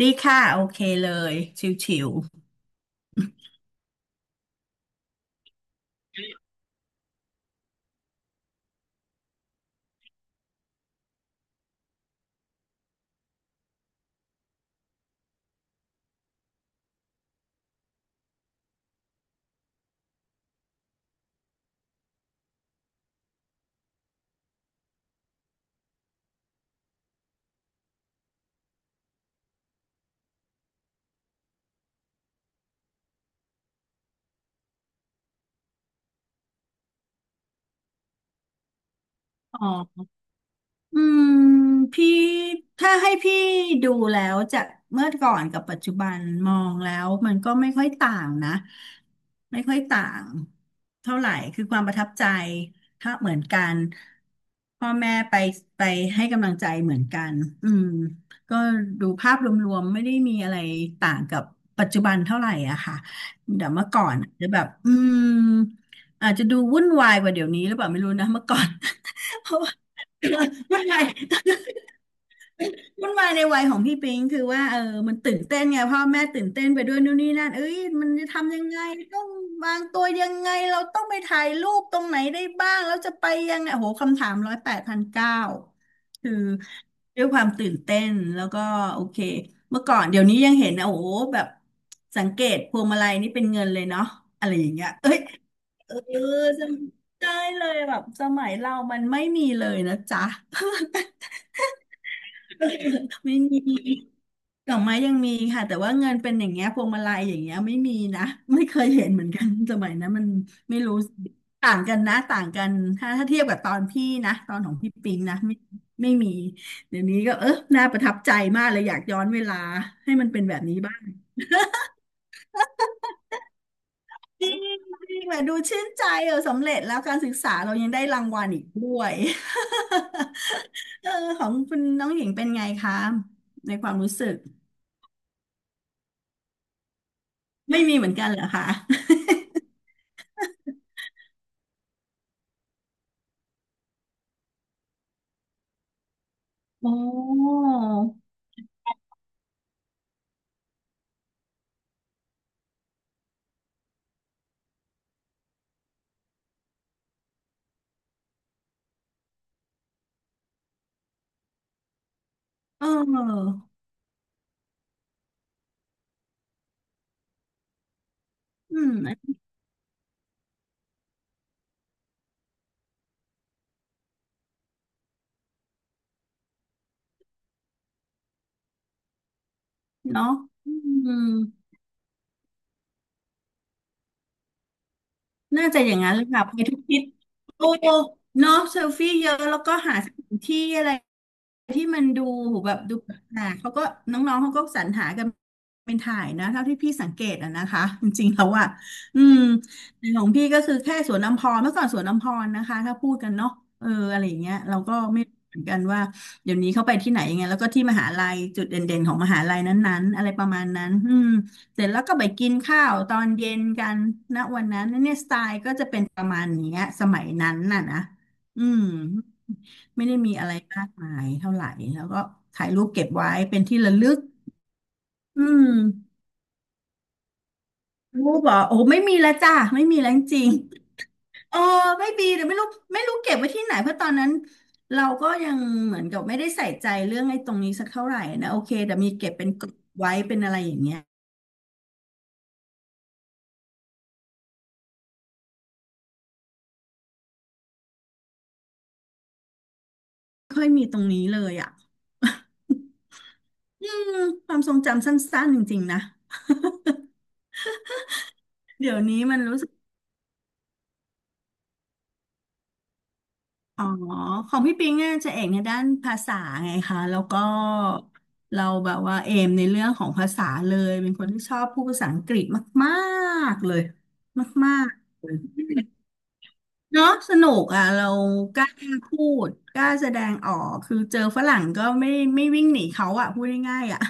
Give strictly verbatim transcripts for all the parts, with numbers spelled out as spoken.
ดีค่ะโอเคเลยชิวๆอ๋อ อืมพี่ถ้าให้พี่ดูแล้วจากเมื่อก่อนกับปัจจุบันมองแล้วมันก็ไม่ค่อยต่างนะไม่ค่อยต่างเท่าไหร่คือความประทับใจถ้าเหมือนกันพ่อแม่ไปไปให้กำลังใจเหมือนกันอืมก็ดูภาพรวมๆไม่ได้มีอะไรต่างกับปัจจุบันเท่าไหร่อะค่ะแต่เมื่อก่อนอาจจะแบบอืมอาจจะดูวุ่นวายกว่าเดี๋ยวนี้หรือเปล่าไม่รู้นะเมื่อก่อน เพราะว่า มันใหม่ มันใหม่ในวัยของพี่ปิงคือว่าเออมันตื่นเต้นไงพ่อแม่ตื่นเต้นไปด้วยนู่นนี่นั่นเอ้ยมันจะทำยังไงต้องวางตัวยังไงเราต้องไปถ่ายรูปตรงไหนได้บ้างแล้วจะไปยังไงโอ้โหคำถามร้อยแปดพันเก้าคือด้วยความตื่นเต้นแล้วก็โอเคเมื่อก่อนเดี๋ยวนี้ยังเห็นนะโอ้โหแบบสังเกตพวงมาลัยนี่เป็นเงินเลยเนาะอะไรอย่างเงี้ยเอ้ยเออจำได้เลยแบบสมัยเรามันไม่มีเลยนะจ๊ะ ไม่มีดอกไม้ยังมีค่ะแต่ว่าเงินเป็นอย่างเงี้ยพวงมาลัยอย่างเงี้ยไม่มีนะไม่เคยเห็นเหมือนกันสมัยนั้นมันไม่รู้ต่างกันนะต่างกันถ้าถ้าเทียบกับตอนพี่นะตอนของพี่ปิงนะไม่ไม่มีเดี๋ยวนี้ก็เออน่าประทับใจมากเลยอยากย้อนเวลาให้มันเป็นแบบนี้บ้างจริงจริงแบบดูชื่นใจเออสำเร็จแล้วการศึกษาเรายังได้รางวัลอีกด้วย เออของคุณน้องหญิงเป็นไงคะในความรู้สึกไม่มีเหมือนกันเหรอคะ โอ้เอออืมเนาะอืมน่าจะอย่างนั้นเลยค่ะไปทุกทิศโอ้เนาะเซลฟี่เยอะแล้วก็หาสถานที่อะไร ที่มันดูแบบดูหนาเขาก็น้องๆเขาก็สรรหากันเป็นถ่ายนะเท่าที่พี่สังเกตอะนะคะจริงๆแล้วอ่ะอืมในของพี่ก็คือแค่สวนอัมพรเมื่อก่อนสวนอัมพรนะคะถ้าพูดกันเนาะเอออะไรอย่างเงี้ยเราก็ไม่รู้เหมือนกันว่าเดี๋ยวนี้เขาไปที่ไหนยังไงแล้วก็ที่มหาลัยจุดเด่นๆของมหาลัยนั้นๆอะไรประมาณนั้นอืมเสร็จแล้วก็ไปกินข้าวตอนเย็นกันนะวันนั้นเนี่ยสไตล์ก็จะเป็นประมาณเนี้ยสมัยนั้นน่ะนะอืม ไม่ได้มีอะไรมากมายเท่าไหร่แล้วก็ถ่ายรูปเก็บไว้เป็นที่ระลึกอืมรูปเหรอโอ้ไม่มีแล้วจ้าไม่มีแล้วจริงๆเออไม่มีเดี๋ยวไม่รู้ไม่รู้เก็บไว้ที่ไหนเพราะตอนนั้นเราก็ยังเหมือนกับไม่ได้ใส่ใจเรื่องไอ้ตรงนี้สักเท่าไหร่นะโอเคแต่มีเก็บเป็นกลุ๊ปไว้เป็นอะไรอย่างเงี้ยไม่ค่อยมีตรงนี้เลยอ่ะ อืมความทรงจำสั้นๆจริงๆนะ เดี๋ยวนี้มันรู้สึก อ๋อของพี่ปิงอ่ะจะเอกในด้านภาษาไงคะแล้วก็เราแบบว่าเอมในเรื่องของภาษาเลยเป็นคนที่ชอบพูดภาษาอังกฤษมากๆเลยมากๆเลยเนาะสนุกอ่ะเรากล้าพูดกล้าแสดงออกคือเจอฝรั่งก็ไม่ไม่วิ่งหนีเขาอ่ะพูดง่ายๆอ่ะ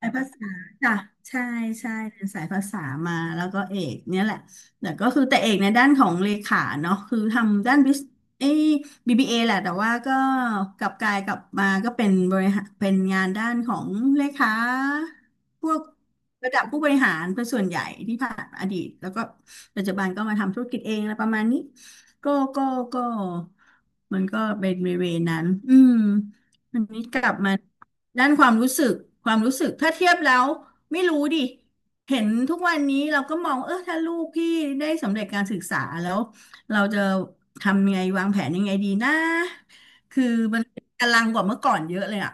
สายภาษาจ้ะใช่ใช่เรียนสายภาษามาแล้วก็เอกเนี่ยแหละแต่ก็คือแต่เอกในด้านของเลขาเนาะคือทำด้านบิสเอย บี บี เอ แหละแต่ว่าก็กลับกลายกลับมาก็เป็นบริหารเป็นงานด้านของเลขาพวกระดับผู้บริหารเป็นส่วนใหญ่ที่ผ่านมาอดีตแล้วก็ปัจจุบันก็มาทำธุรกิจเองอะไรประมาณนี้ก็ก็ก็มันก็เป็นเวย์นั้นอืมวันนี้กลับมา ด้านความรู้สึกความรู้สึก ถ้าเทียบแล้วไม่รู้ดิ เห็นทุกวันนี้เราก็มอง เออ ถ้าลูกพี่ได้สำเร็จการศึกษาแล้ว เราจะทำยังไงวางแผนยังไงดีนะ คือมันกำลังกว่าเมื่อก่อนเยอะเลยอะ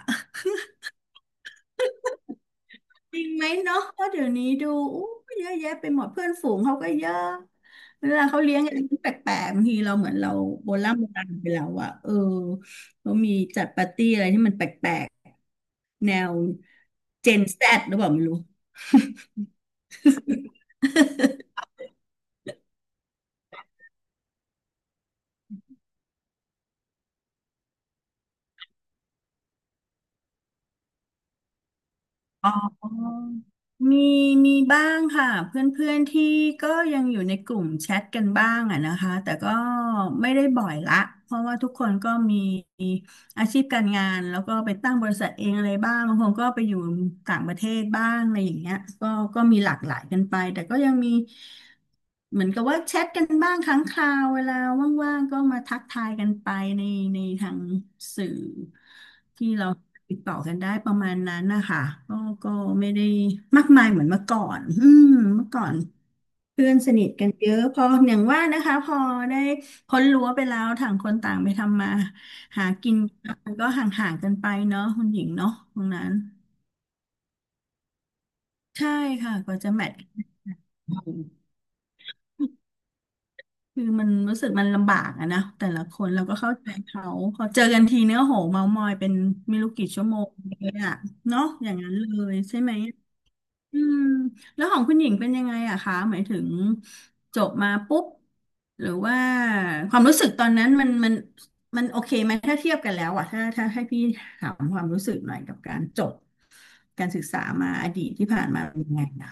จริงไหมเนาะเพราะเดี๋ยวนี้ดูอู้เยอะแยะไปหมดเพื่อนฝูงเขาก็เยอะเวลาเขาเลี้ยงกันแปลกๆบางทีเราเหมือนเราโบราณโบราณไปแล้วอะเออเขามีจัดปาร์ตี้อะไรที่มันแปลกๆแนวเจนแซดหรือเปล่าไม่รู้ อ๋อมีมีบ้างค่ะเพื่อนๆที่ก็ยังอยู่ในกลุ่มแชทกันบ้างอะนะคะแต่ก็ไม่ได้บ่อยละเพราะว่าทุกคนก็มี อาชีพการงานแล้วก็ไปตั้งบริษัทเองอะไรบ้างบางคนก็ไปอยู่ต่างประเทศบ้างอะไรอย่างเงี้ยก็ก็มีหลากหลายกันไปแต่ก็ยังมีเหมือนกับว่าแชทกันบ้างครั้งคราวเวลาว่างๆก็มาทักทายกันไปในในทางสื่อที่เราติดต่อกันได้ประมาณนั้นนะคะก็ก็ไม่ได้มากมายเหมือนเมื่อก่อนอืมเมื่อก่อนเพื่อนสนิทกันเยอะพออย่างว่านะคะพอได้พ้นรั้วไปแล้วต่างคนต่างไปทำมา หากินมันก็ห่างๆกันไปเนาะคุณหญิงเนาะตรงนั้นใช่ค่ะกว่าจะแมทช์กันคือมันรู้สึกมันลำบากอะนะแต่ละคนเราก็เข้าใจเขาพอเจอกันทีเนื้อโหเมามอยเป็นไม่รู้กี่ชั่วโมงเลยอะเนาะอย่างนั้นเลยใช่ไหม อืมแล้วของคุณหญิงเป็นยังไงอะคะหมายถึงจบมาปุ๊บหรือว่าความรู้สึกตอนนั้นมันมันมันโอเคไหมถ้าเทียบกันแล้วอะถ้าถ้าให้พี่ถามความรู้สึกหน่อยกับการจบการศึกษามาอดีตที่ผ่านมาเป็นยังไงนะ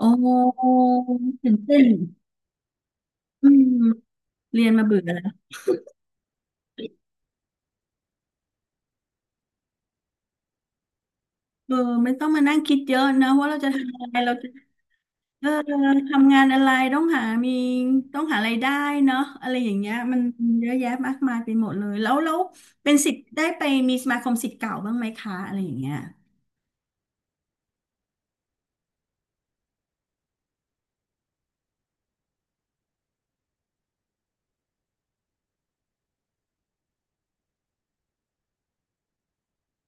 โอ้ตื่นเต้นอืมเรียนมาเบื่อแล้วเออไม่ต้องมานั่งคิดเยอะนะว่าเราจะทำอะไรเราจะ เออทำงานอะไรต้องหามีต้องหารายได้เนาะอะไรอย่างเงี้ยมันเยอะแยะมากมายไปหมดเลยแล้วแล้วเป็นสิทธิ์ได้ไปมีสมาคมสิทธิ์เก่าบ้างไหมคะอะไรอย่างเงี้ย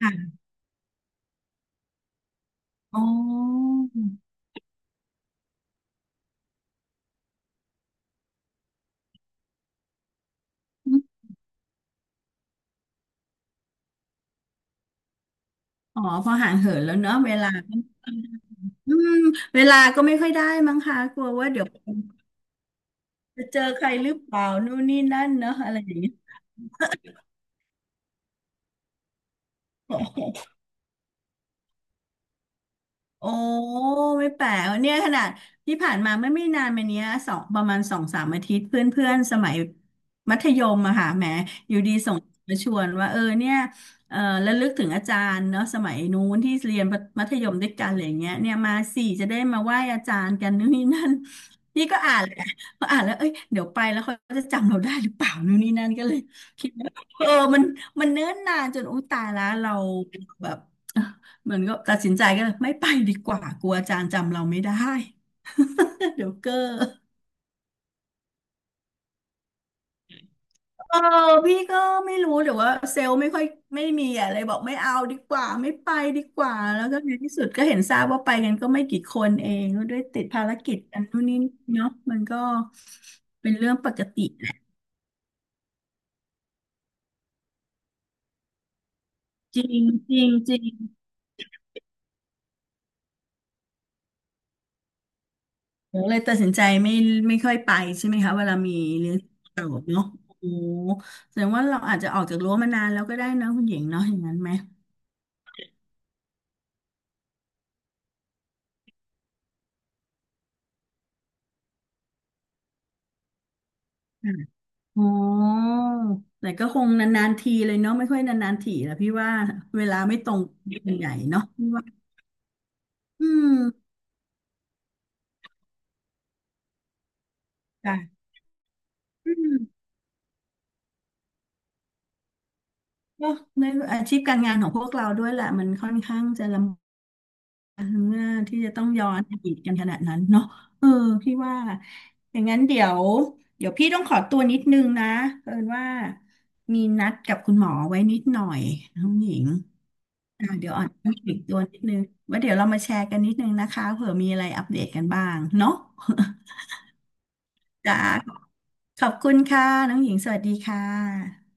ค่ะอ๋ออ๋อพอห่างเหินแล้วเนาะเวลาอืมเวลาก็ไม่ค่อยได้มั้งคะกลัวว่าเดี๋ยวจะเจอใครหรือเปล่านู่นนี่นั่นเนาะอะไรอย่างเงี้ย โอ้ไม่แปลกเนี่ยขนาดที่ผ่านมาไม่ไม่นานมาเนี้ยสองประมาณสองสามอาทิตย์เพื่อนเพื่อนสมัยมัธยมอะค่ะแหมอยู่ดีส่งมาชวนว่าเออเนี่ยเออระลึกถึงอาจารย์เนาะสมัยนู้นที่เรียนมัธยมด้วยกันอะไรอย่างเงี้ยเนี่ยมาสี่จะได้มาไหว้อาจารย์กันนู่นนี่นั่นนี่ก็อ่านแหละพออ่านแล้วเอ้ยเดี๋ยวไปแล้วเขาจะจำเราได้หรือเปล่านู่นนี่นั่นก็เลยคิดว่าเออมันมันเนิ่นนานจนอุ้ยตายแล้วเราแบบ เหมือนก็ตัดสินใจก็เลยไม่ไปดีกว่ากลัวอาจารย์จำเราไม่ได้ เดี๋ยวเกอร์เออพี่ก็ไม่รู้แต่ว่าเซลล์ไม่ค่อยไม่มีอะไรบอกไม่เอาดีกว่าไม่ไปดีกว่าแล้วก็ในที่สุดก็เห็นทราบว่าไปกันก็ไม่กี่คนเองก็ด้วยติดภารกิจกันนู่นนี่เนาะมันก็เป็นเรื่องปกติแหละจริงจริงจริงเดี๋ยวเลยตัดสินใจไม่ไม่ค่อยไปใช่ไหมคะเวลามีเรื่องโกยวกัธเนาะโอ้โหแสดงว่าเราอาจจะออกจากรั้วมานานแล้วก็ได้นะคุณหญิงเนาะอย่างนั้นไหม โอ๋อแต่ก็คงนานๆทีเลยเนาะไม่ค่อยนานๆทีแล้ะพี่ว่าเวลาไม่ตรงกันใหญ่เนาะพี่ว่าอืมค่ะอืมเนาะในอาชีพการงานของพวกเราด้วยแหละมันค่อนข้างจะลำบากเมื่อที่จะต้องย้อนอดีตกันขนาดนั้นเนาะเออพี่ว่าอย่างนั้นเดี๋ยวเดี๋ยวพี่ต้องขอตัวนิดนึงนะเผอิญว่ามีนัดกับคุณหมอไว้นิดหน่อยน้องหญิง อ่าเดี๋ยวอ่อนต้องอีกตัวนิดนึงไว้เดี๋ยวเรามาแชร์กันนิดนึงนะคะเผื่อมีอะไรอัปเดตกันบ้างเนาะ จ้าขอบคุณค่ะน้องหญิงสวัสดีค่ะ